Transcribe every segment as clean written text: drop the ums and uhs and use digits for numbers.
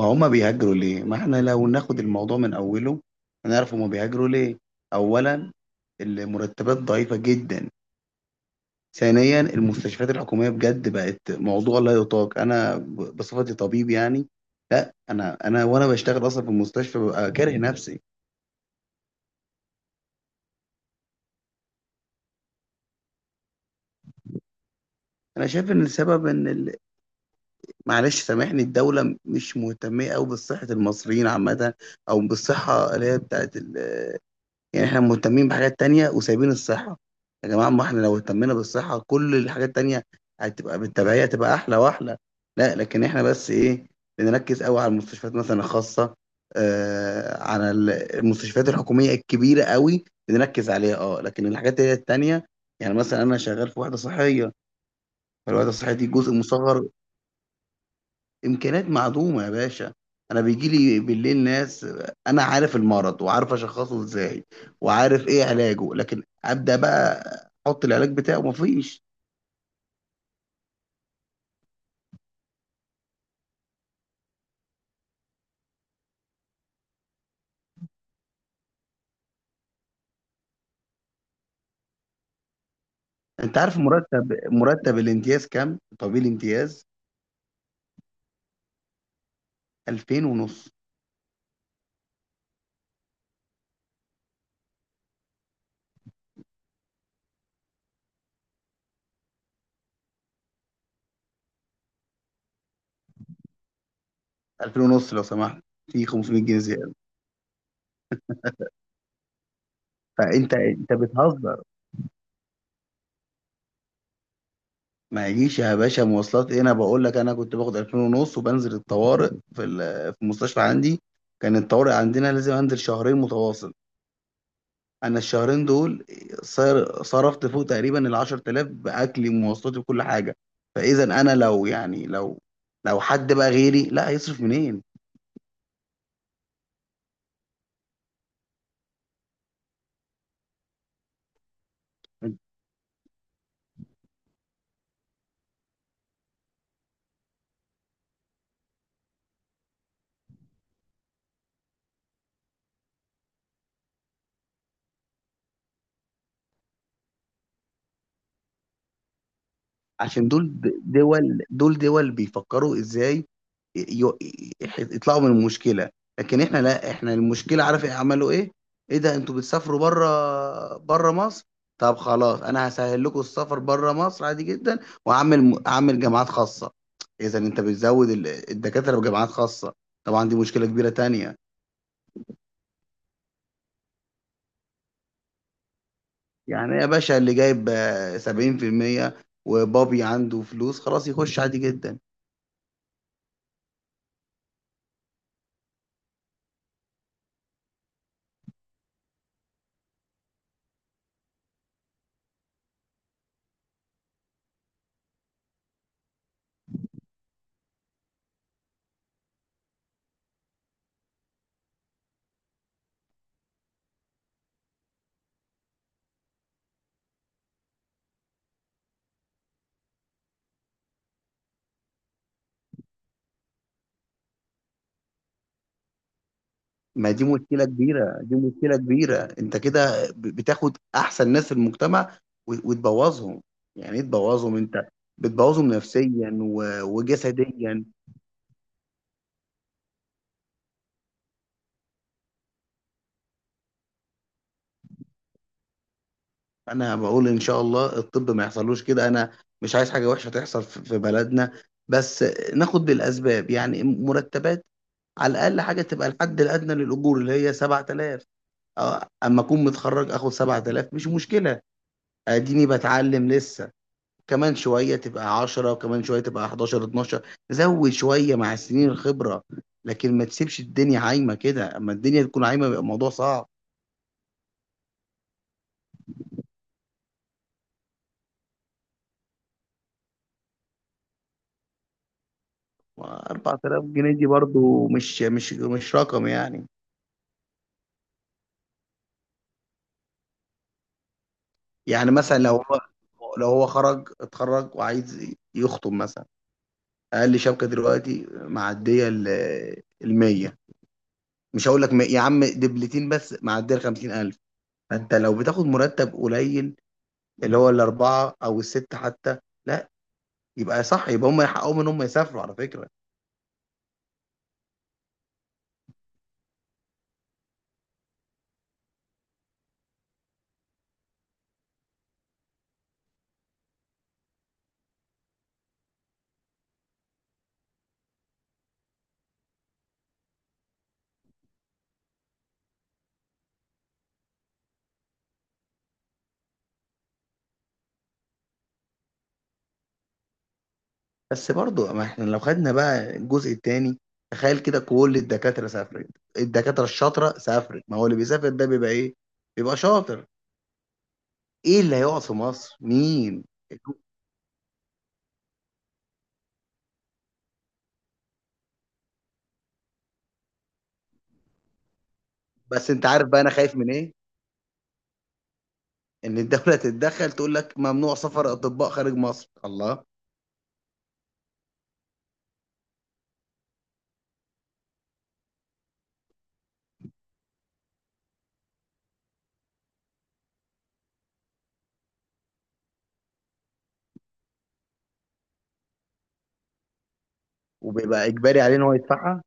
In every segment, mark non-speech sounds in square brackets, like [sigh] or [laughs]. ما هم بيهاجروا ليه؟ ما احنا لو ناخد الموضوع من اوله هنعرف هم بيهاجروا ليه. اولا، المرتبات ضعيفة جدا. ثانيا، المستشفيات الحكومية بجد بقت موضوع لا يطاق. انا بصفتي طبيب يعني، لا انا وانا بشتغل اصلا في المستشفى ببقى كاره نفسي. انا شايف ان السبب ان معلش سامحني، الدولة مش مهتمة قوي بصحة المصريين عامة، او بالصحة اللي هي بتاعت يعني. احنا مهتمين بحاجات تانية وسايبين الصحة. يا جماعة، ما احنا لو اهتمينا بالصحة كل الحاجات التانية هتبقى بالتبعية، هتبقى أحلى وأحلى. لا، لكن احنا بس إيه، بنركز قوي على المستشفيات مثلا الخاصة. آه، المستشفيات الحكومية الكبيرة قوي بنركز عليها، اه، لكن الحاجات اللي هي التانية، يعني مثلا أنا شغال في وحدة صحية، فالوحدة الصحية دي جزء مصغر. إمكانيات معدومة يا باشا. أنا بيجي لي بالليل ناس، أنا عارف المرض وعارف أشخصه إزاي وعارف إيه علاجه، لكن أبدأ بقى أحط العلاج بتاعه، مفيش. أنت عارف مرتب الامتياز كام؟ طبيب الامتياز 2000 ونص. 2000 ونص لو سمحت، في 500 جنيه زيادة. فأنت بتهزر. ما يجيش يا باشا مواصلات إيه، أنا بقول لك أنا كنت باخد 2000 ونص وبنزل الطوارئ في المستشفى عندي. كان الطوارئ عندنا لازم أنزل شهرين متواصل. انا الشهرين دول صرفت فوق تقريبا ال 10,000 باكلي ومواصلاتي وكل حاجه. فاذا انا لو لو حد بقى غيري، لا، هيصرف منين؟ عشان دول، دول بيفكروا ازاي ي- ي- يطلعوا من المشكله. لكن احنا لا، احنا المشكله عارف ايه عملوا ايه؟ ايه ده، انتوا بتسافروا بره مصر؟ طب خلاص، انا هسهل لكم السفر بره مصر عادي جدا. واعمل جامعات خاصه. اذا انت بتزود الدكاتره بجامعات خاصه، طبعا دي مشكله كبيره تانية. يعني يا باشا، اللي جايب 70% وبابي عنده فلوس خلاص يخش عادي جدا. ما دي مشكلة كبيرة، دي مشكلة كبيرة. انت كده بتاخد احسن ناس في المجتمع وتبوظهم. يعني ايه تبوظهم؟ انت بتبوظهم نفسيا وجسديا. انا بقول ان شاء الله الطب ما يحصلوش كده. انا مش عايز حاجة وحشة تحصل في بلدنا. بس ناخد بالاسباب، يعني مرتبات. على الاقل حاجة تبقى الحد الادنى للاجور اللي هي 7,000. اما اكون متخرج اخد 7,000 مش مشكلة، اديني بتعلم لسه. كمان شوية تبقى 10، وكمان شوية تبقى 11، 12. زود شوية مع السنين الخبرة، لكن ما تسيبش الدنيا عايمة كده. اما الدنيا تكون عايمة بيبقى الموضوع صعب. 4,000 جنيه دي برضو مش رقم يعني. يعني مثلا لو هو اتخرج وعايز يخطب مثلا، اقل شبكة دلوقتي معدية ال 100. مش هقول لك يا عم دبلتين بس معدية ال 50,000. فانت لو بتاخد مرتب قليل، اللي هو الاربعة او الستة حتى، لا، يبقى صح يبقى هم يحققوا ان هم يسافروا على فكرة. بس برضو، ما احنا لو خدنا بقى الجزء التاني، تخيل كده كل الدكاترة سافرت، الدكاترة الشاطرة سافرت. ما هو اللي بيسافر ده بيبقى ايه؟ بيبقى شاطر. ايه اللي هيقعد في مصر؟ مين؟ بس انت عارف بقى انا خايف من ايه؟ ان الدولة [laughs] تتدخل تقول لك ممنوع سفر اطباء خارج مصر. الله! وبيبقى اجباري عليه ان هو يدفعها.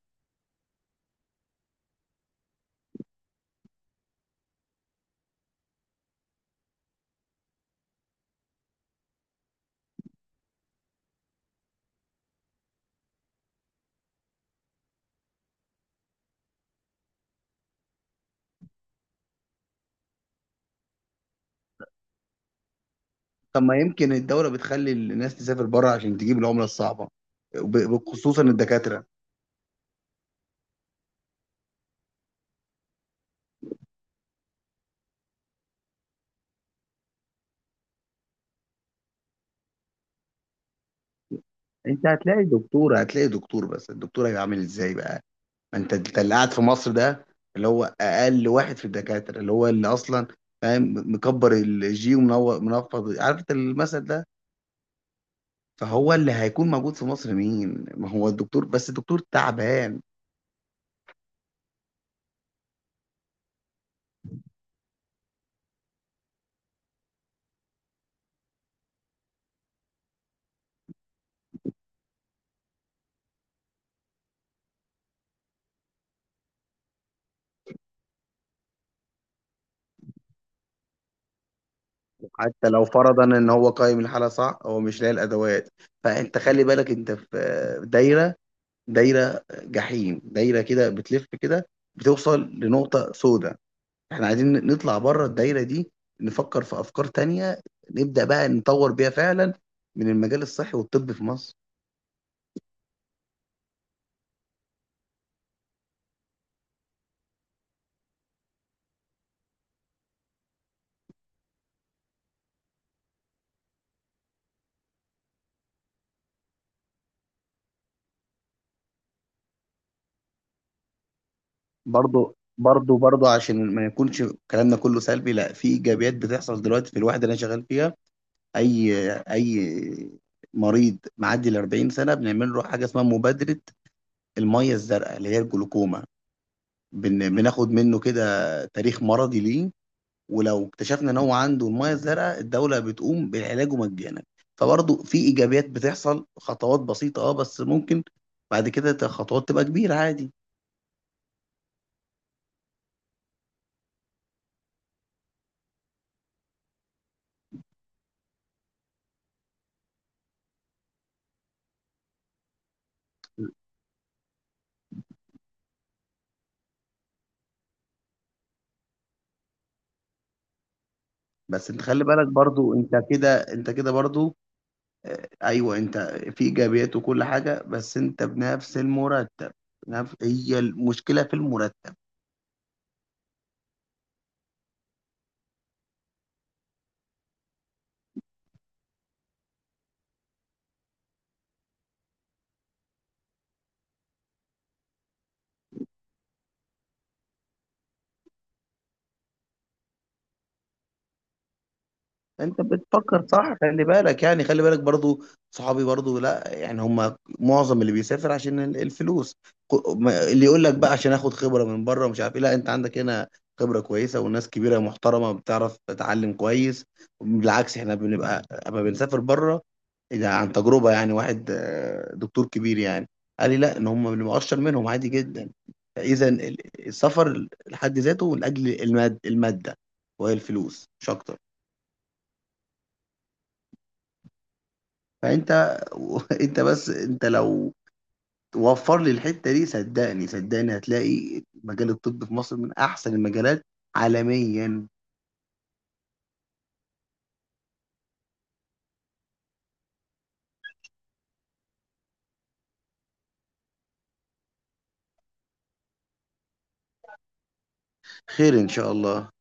طب ما يمكن الدولة بتخلي الناس تسافر بره عشان تجيب العملة الصعبة، خصوصا الدكاترة. انت هتلاقي دكتور، هتلاقي دكتور، بس الدكتور هيبقى عامل ازاي بقى؟ ما انت اللي قاعد في مصر ده، اللي هو اقل واحد في الدكاتره، اللي هو اللي اصلا فاهم مكبر الجي ومنور منفض، عارف انت المثل ده. فهو اللي هيكون موجود في مصر، مين؟ ما هو الدكتور، بس الدكتور تعبان. حتى لو فرضا ان هو قايم الحاله صح هو مش لاقي الادوات. فانت خلي بالك، انت في دايره، دايره جحيم، دايره كده بتلف كده بتوصل لنقطه سوداء. احنا عايزين نطلع بره الدايرة دي، نفكر في افكار تانية، نبدأ بقى نطور بيها فعلا من المجال الصحي والطب في مصر. برضو، برضو عشان ما يكونش كلامنا كله سلبي، لا، في ايجابيات بتحصل دلوقتي في الوحدة اللي انا شغال فيها. اي اي مريض معدي ال 40 سنة بنعمل له حاجة اسمها مبادرة المية الزرقاء اللي هي الجلوكوما. بناخد منه كده تاريخ مرضي ليه، ولو اكتشفنا ان هو عنده الميه الزرقاء الدوله بتقوم بالعلاج مجانا. فبرضه في ايجابيات بتحصل، خطوات بسيطه، اه، بس ممكن بعد كده خطوات تبقى كبيره عادي. بس انت خلي بالك برضه، انت كده، انت كده برضه، ايوه انت، في ايجابيات وكل حاجه، بس انت بنفس المرتب. هي المشكله في المرتب. انت بتفكر صح. خلي بالك يعني، خلي بالك برضو صحابي برضو، لا يعني هم معظم اللي بيسافر عشان الفلوس. اللي يقول لك بقى عشان اخد خبرة من بره ومش عارف ايه، لا، انت عندك هنا خبرة كويسة وناس كبيرة محترمة بتعرف تتعلم كويس. بالعكس، احنا بنبقى اما بنسافر بره، ده عن تجربة. يعني واحد دكتور كبير يعني قال لي لا، ان هم بنبقى اشطر منهم عادي جدا. اذا السفر لحد ذاته لاجل المادة، وهي الفلوس، مش اكتر. فانت [laughs] انت بس، انت لو وفر لي الحته دي صدقني، صدقني هتلاقي مجال الطب في مصر من احسن المجالات عالميا. خير ان شاء الله.